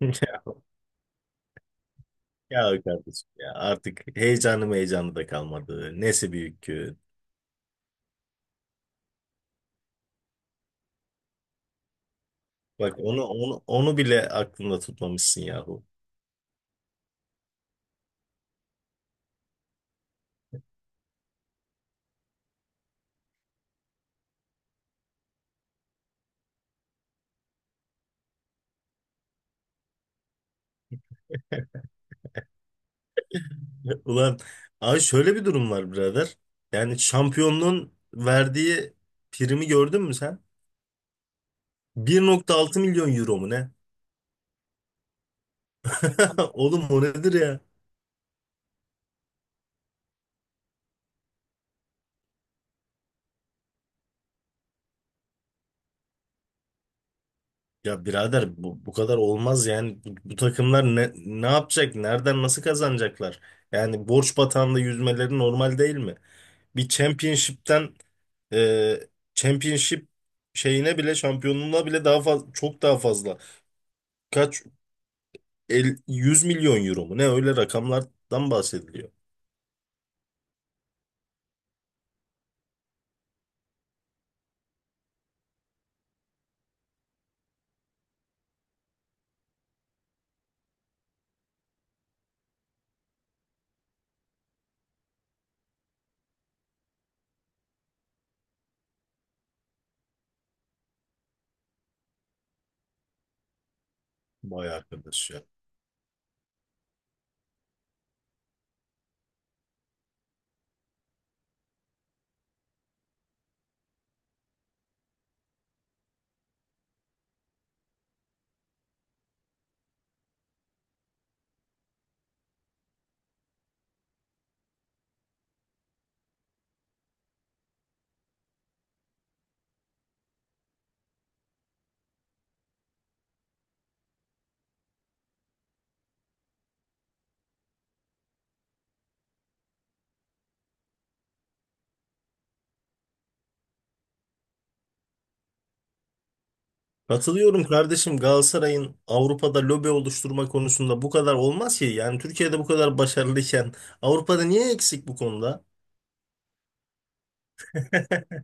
Ya, ya kardeşim ya artık heyecanı da kalmadı. Nesi büyük ki? Bak onu bile aklında tutmamışsın yahu. Ulan abi şöyle bir durum var birader. Yani şampiyonluğun verdiği primi gördün mü sen? 1.6 milyon euro mu ne? Oğlum o nedir ya? Ya birader bu kadar olmaz yani bu takımlar ne yapacak? Nereden nasıl kazanacaklar? Yani borç batağında yüzmeleri normal değil mi? Bir championship'ten e, championship şeyine bile şampiyonluğuna bile daha fazla çok daha fazla. Kaç el, 100 milyon euro mu? Ne öyle rakamlardan bahsediliyor. Vay arkadaş ya. Katılıyorum kardeşim, Galatasaray'ın Avrupa'da lobi oluşturma konusunda bu kadar olmaz ki. Yani Türkiye'de bu kadar başarılıyken Avrupa'da niye eksik bu konuda?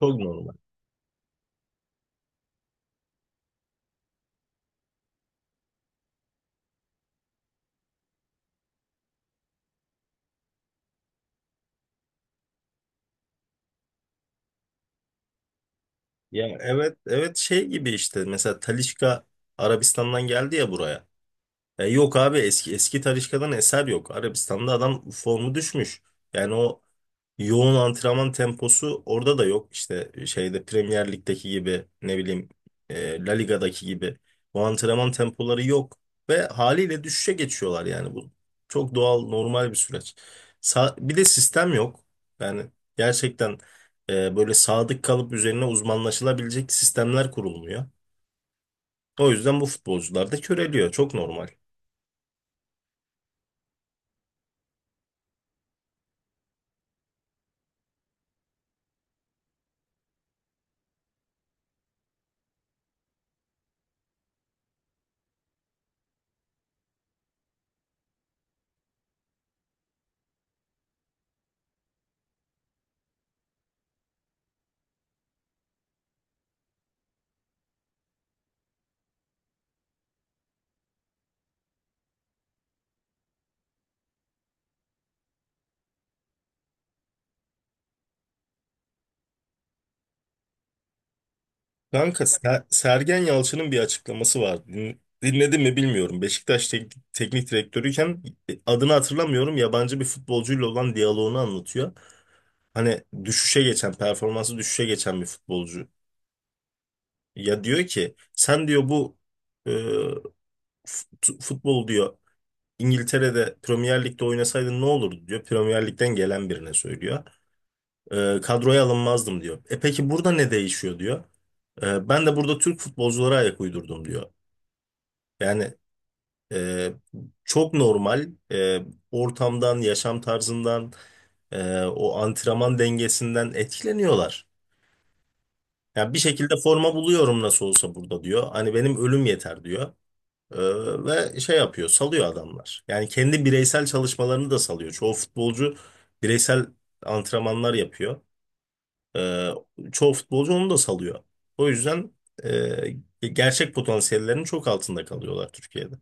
Çok normal. Ya, evet evet, şey gibi işte mesela Talisca Arabistan'dan geldi ya buraya. Ya yok abi, eski Talisca'dan eser yok. Arabistan'da adam formu düşmüş. Yani o yoğun antrenman temposu orada da yok. İşte şeyde Premier Lig'deki gibi ne bileyim La Liga'daki gibi bu antrenman tempoları yok ve haliyle düşüşe geçiyorlar. Yani bu çok doğal normal bir süreç. Bir de sistem yok. Yani gerçekten böyle sadık kalıp üzerine uzmanlaşılabilecek sistemler kurulmuyor. O yüzden bu futbolcular da köreliyor. Çok normal. Kanka Sergen Yalçın'ın bir açıklaması var. Dinledin mi bilmiyorum. Beşiktaş teknik direktörüyken adını hatırlamıyorum. Yabancı bir futbolcuyla olan diyaloğunu anlatıyor. Hani düşüşe geçen, performansı düşüşe geçen bir futbolcu. Ya diyor ki, sen diyor bu e, fut- futbol diyor İngiltere'de Premier Lig'de oynasaydın ne olurdu diyor. Premier Lig'den gelen birine söylüyor. E, kadroya alınmazdım diyor. E peki burada ne değişiyor diyor. E, ben de burada Türk futbolculara ayak uydurdum diyor. Yani Ee, çok normal, ortamdan, yaşam tarzından, o antrenman dengesinden etkileniyorlar. Yani bir şekilde forma buluyorum nasıl olsa burada diyor. Hani benim ölüm yeter diyor. Ee, Ve şey yapıyor, salıyor adamlar. Yani kendi bireysel çalışmalarını da salıyor. Çoğu futbolcu bireysel antrenmanlar yapıyor. Ee, Çoğu futbolcu onu da salıyor. O yüzden gerçek potansiyellerinin çok altında kalıyorlar Türkiye'de.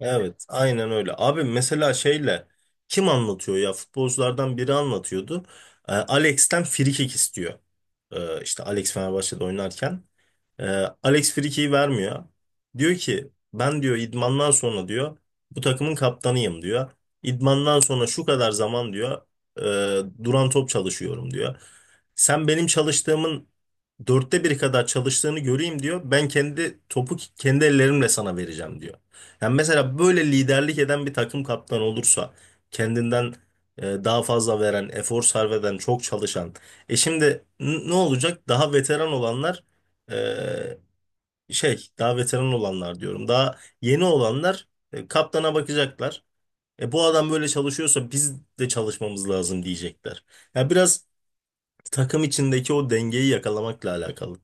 Evet, aynen öyle. Abi mesela şeyle kim anlatıyor ya? Futbolculardan biri anlatıyordu. Alex'ten frikik istiyor. İşte Alex Fenerbahçe'de oynarken. Ee, Alex frikiği vermiyor. Diyor ki ben diyor idmandan sonra diyor bu takımın kaptanıyım diyor. İdmandan sonra şu kadar zaman diyor e, duran top çalışıyorum diyor. Sen benim çalıştığımın dörtte biri kadar çalıştığını göreyim diyor. Ben kendi topu kendi ellerimle sana vereceğim diyor. Yani mesela böyle liderlik eden bir takım kaptanı olursa, kendinden daha fazla veren, efor sarf eden, çok çalışan. E şimdi ne olacak? Daha veteran olanlar, e, daha veteran olanlar diyorum. Daha yeni olanlar kaptana bakacaklar. E bu adam böyle çalışıyorsa biz de çalışmamız lazım diyecekler. Ya biraz takım içindeki o dengeyi yakalamakla alakalı.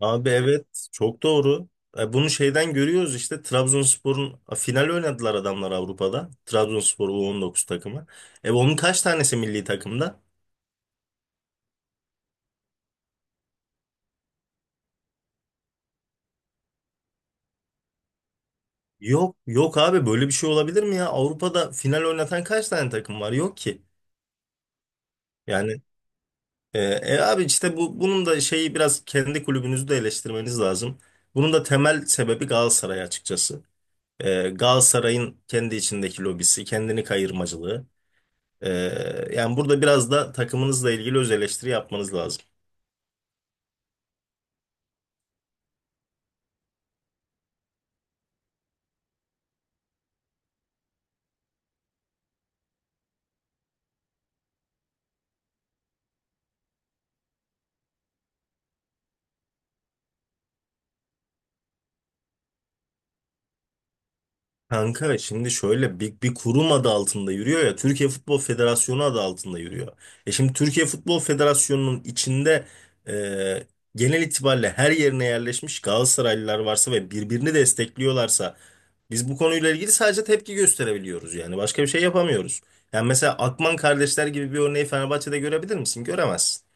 Abi evet, çok doğru. E, bunu şeyden görüyoruz işte, Trabzonspor'un final oynadılar adamlar Avrupa'da. Trabzonspor U19 takımı. E onun kaç tanesi milli takımda? Yok yok abi, böyle bir şey olabilir mi ya? Avrupa'da final oynatan kaç tane takım var? Yok ki. Yani abi işte bu bunun da şeyi, biraz kendi kulübünüzü de eleştirmeniz lazım. Bunun da temel sebebi Galatasaray açıkçası. E, Galatasaray'ın kendi içindeki lobisi, kendini kayırmacılığı. Ee, Yani burada biraz da takımınızla ilgili öz eleştiri yapmanız lazım. Kanka şimdi şöyle bir kurum adı altında yürüyor ya, Türkiye Futbol Federasyonu adı altında yürüyor. E şimdi Türkiye Futbol Federasyonu'nun içinde e, genel itibariyle her yerine yerleşmiş Galatasaraylılar varsa ve birbirini destekliyorlarsa biz bu konuyla ilgili sadece tepki gösterebiliyoruz, yani başka bir şey yapamıyoruz. Yani mesela Akman kardeşler gibi bir örneği Fenerbahçe'de görebilir misin? Göremezsin.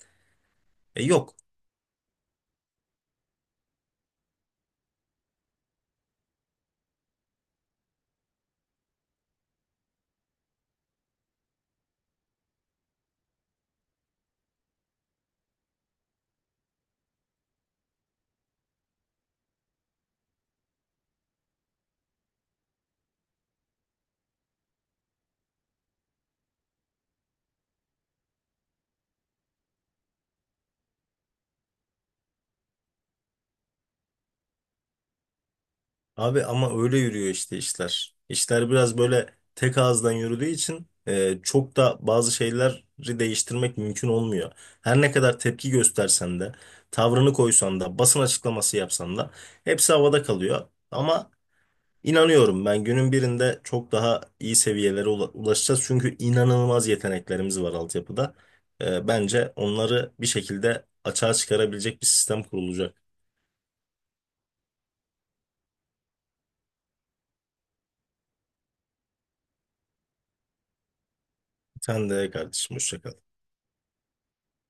E yok. Abi ama öyle yürüyor işte işler. İşler biraz böyle tek ağızdan yürüdüğü için çok da bazı şeyleri değiştirmek mümkün olmuyor. Her ne kadar tepki göstersen de, tavrını koysan da, basın açıklaması yapsan da hepsi havada kalıyor. Ama inanıyorum ben, günün birinde çok daha iyi seviyelere ulaşacağız. Çünkü inanılmaz yeteneklerimiz var altyapıda. E, bence onları bir şekilde açığa çıkarabilecek bir sistem kurulacak. Sen de kardeşim, hoşça kal.